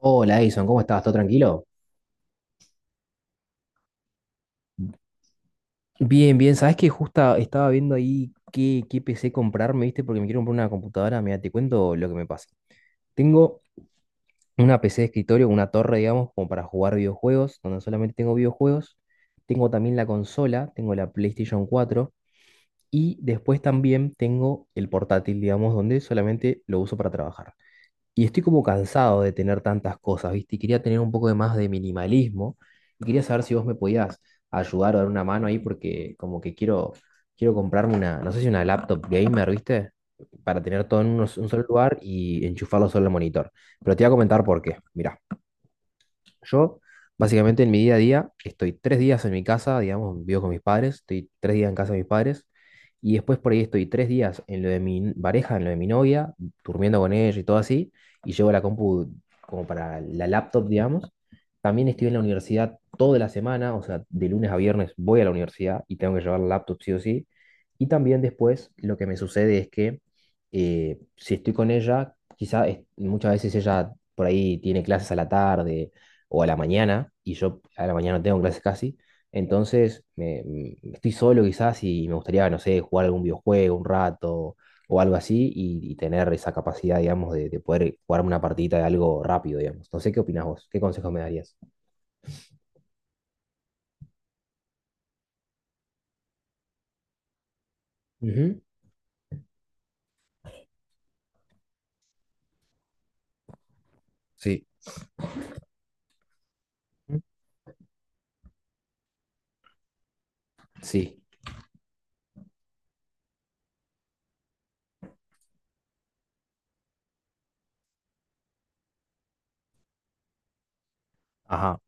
Hola Edison, ¿cómo estás? ¿Todo tranquilo? Bien, bien, sabes que justo estaba viendo ahí qué PC comprarme, ¿viste? Porque me quiero comprar una computadora, mira, te cuento lo que me pasa. Tengo una PC de escritorio, una torre, digamos, como para jugar videojuegos, donde solamente tengo videojuegos. Tengo también la consola, tengo la PlayStation 4 y después también tengo el portátil, digamos, donde solamente lo uso para trabajar. Y estoy como cansado de tener tantas cosas, ¿viste? Y quería tener un poco de más de minimalismo. Y quería saber si vos me podías ayudar o dar una mano ahí porque como que quiero, quiero comprarme una, no sé si una laptop gamer, ¿viste? Para tener todo en un solo lugar y enchufarlo solo al monitor. Pero te voy a comentar por qué. Mirá. Yo, básicamente, en mi día a día, estoy tres días en mi casa, digamos, vivo con mis padres, estoy tres días en casa de mis padres, y después por ahí estoy tres días en lo de pareja, en lo de mi novia, durmiendo con ella y todo así, y llevo la compu como para la laptop, digamos. También estoy en la universidad toda la semana, o sea, de lunes a viernes voy a la universidad y tengo que llevar la laptop sí o sí. Y también después lo que me sucede es que si estoy con ella, muchas veces ella por ahí tiene clases a la tarde o a la mañana, y yo a la mañana no tengo clases casi, entonces estoy solo quizás y me gustaría, no sé, jugar algún videojuego un rato o algo así y tener esa capacidad, digamos, de poder jugarme una partidita de algo rápido, digamos. No sé qué opinás vos, qué consejos me darías. Ujú. Sí. Sí. Ajá.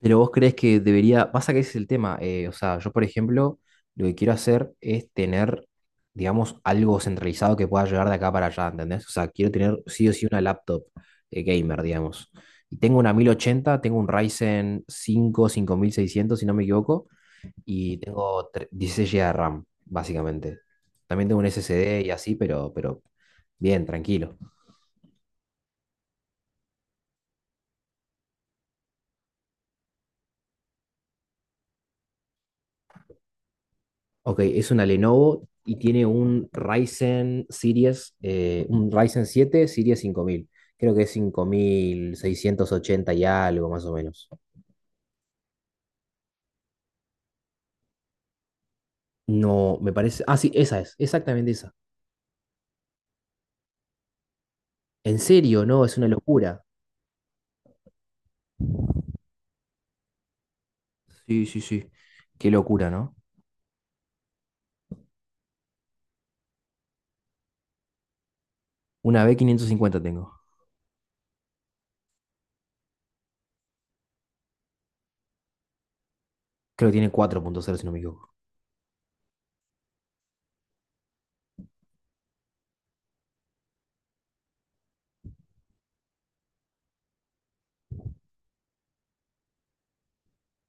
Pero vos crees que debería, pasa que ese es el tema, o sea, yo por ejemplo, lo que quiero hacer es tener, digamos, algo centralizado que pueda llegar de acá para allá, ¿entendés? O sea, quiero tener sí o sí una laptop, gamer, digamos. Y tengo una 1080, tengo un Ryzen 5 5600, si no me equivoco, y tengo 16 GB de RAM, básicamente. También tengo un SSD y así, pero bien, tranquilo. Ok, es una Lenovo y tiene un Ryzen Series, un Ryzen 7 Series 5000. Creo que es 5680 y algo, más o menos. No, me parece. Ah, sí, esa es, exactamente esa. En serio, no, es una locura. Sí, sí, sí. Qué locura, ¿no? Una B550 tengo. Creo que tiene 4.0, si no me equivoco.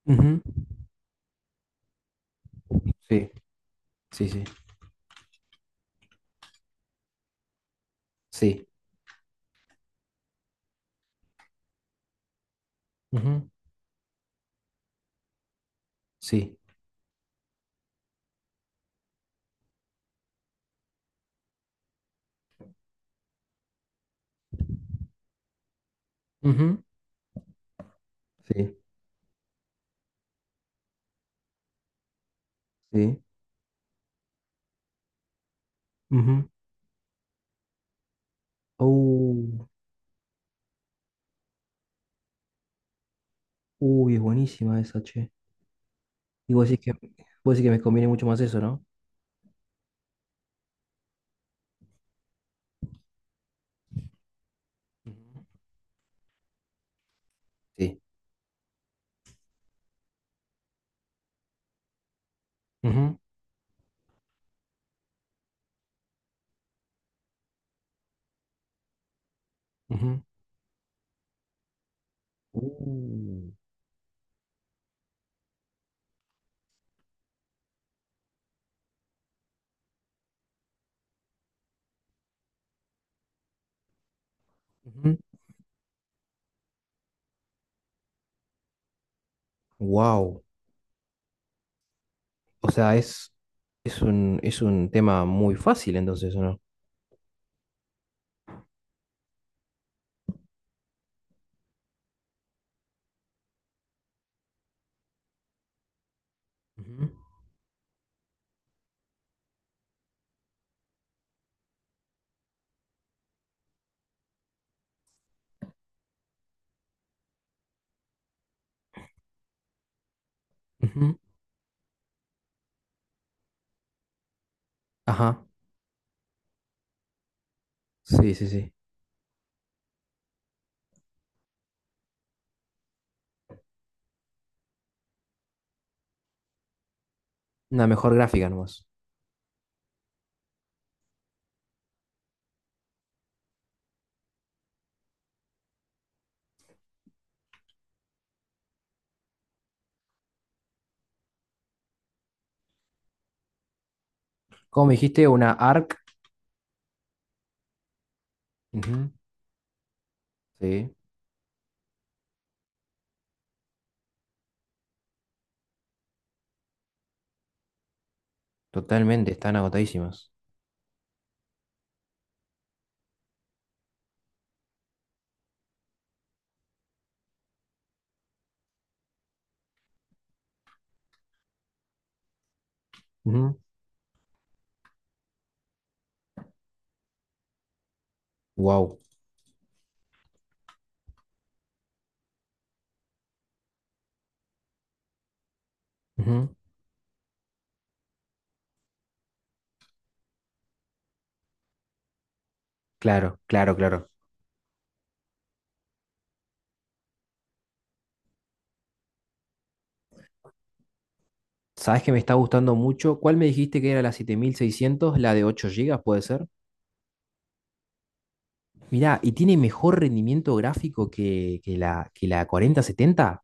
Ujú. Sí, sí, sí. Sí. Ujú. Sí. Ujú. Sí. Sí. Ujú. Oh, uy, es buenísima esa, che. Y vos decís que me conviene mucho más eso, ¿no? Ujú. Sí. Ujú, ujú, ujú. Wow. O sea, es un tema muy fácil entonces, ¿o no? Ujú, ujú. Ajá. Sí, sí, sí. Una mejor gráfica nomás. ¿Cómo me dijiste? Una ARC. Ujú. Sí, totalmente. Están agotadísimas. Ujú. Wow. Ujú. Claro, claro, claro. ¿Sabes que me está gustando mucho? ¿Cuál me dijiste que era la 7600? ¿La de 8 gigas puede ser? Mirá, ¿y tiene mejor rendimiento gráfico que, que la 4070?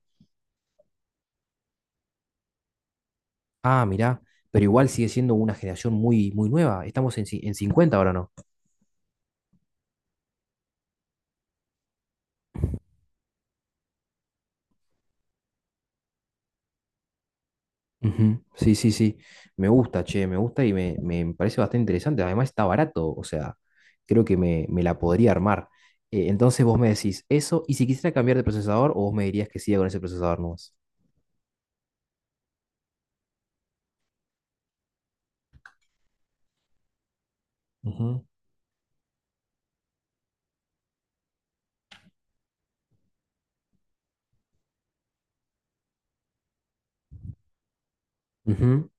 Ah, mirá, pero igual sigue siendo una generación muy, muy nueva. Estamos en, en 50 ahora, ¿no? Ujú. Sí, sí, sí. Me gusta, che, me gusta y me parece bastante interesante. Además está barato, o sea, creo que me la podría armar. Entonces vos me decís eso, y si quisiera cambiar de procesador, o vos me dirías que siga con ese procesador nomás. Ujú, ujú,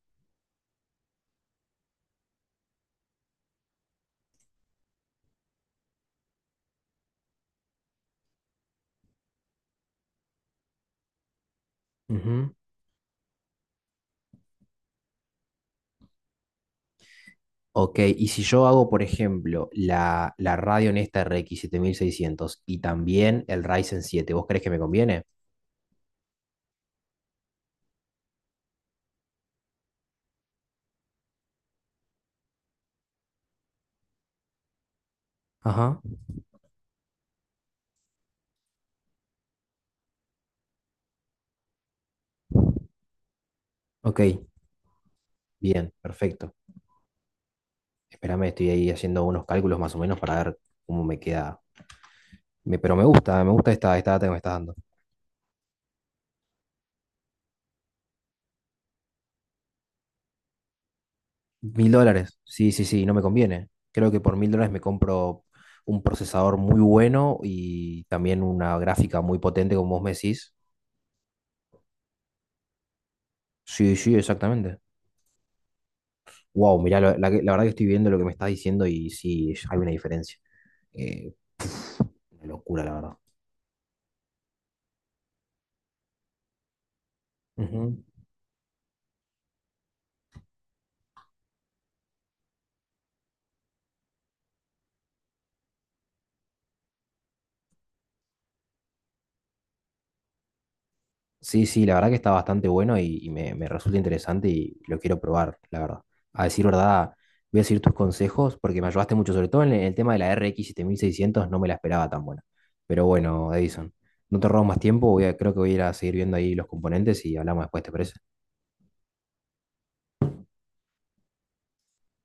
ujú. Ok, y si yo hago, por ejemplo, la radio en esta RX 600 y también el Ryzen 7, ¿vos crees que me conviene? Ajá, ok, bien, perfecto. Espérame, estoy ahí haciendo unos cálculos más o menos para ver cómo me queda. Pero me gusta esta data que me estás dando. Mil dólares, sí, sí, sí, no me conviene. Creo que por mil dólares me compro un procesador muy bueno y también una gráfica muy potente, como vos me decís. Sí, sí, exactamente. Wow, mirá, la verdad que estoy viendo lo que me estás diciendo y sí, hay una diferencia. Eh, una locura, la verdad. Ujú. Sí, sí, la verdad que está bastante bueno y me resulta interesante y lo quiero probar, la verdad. A decir verdad, voy a seguir tus consejos porque me ayudaste mucho, sobre todo en el tema de la RX 7600, no me la esperaba tan buena. Pero bueno, Edison, no te robo más tiempo, creo que voy a ir a seguir viendo ahí los componentes y hablamos después, ¿te parece?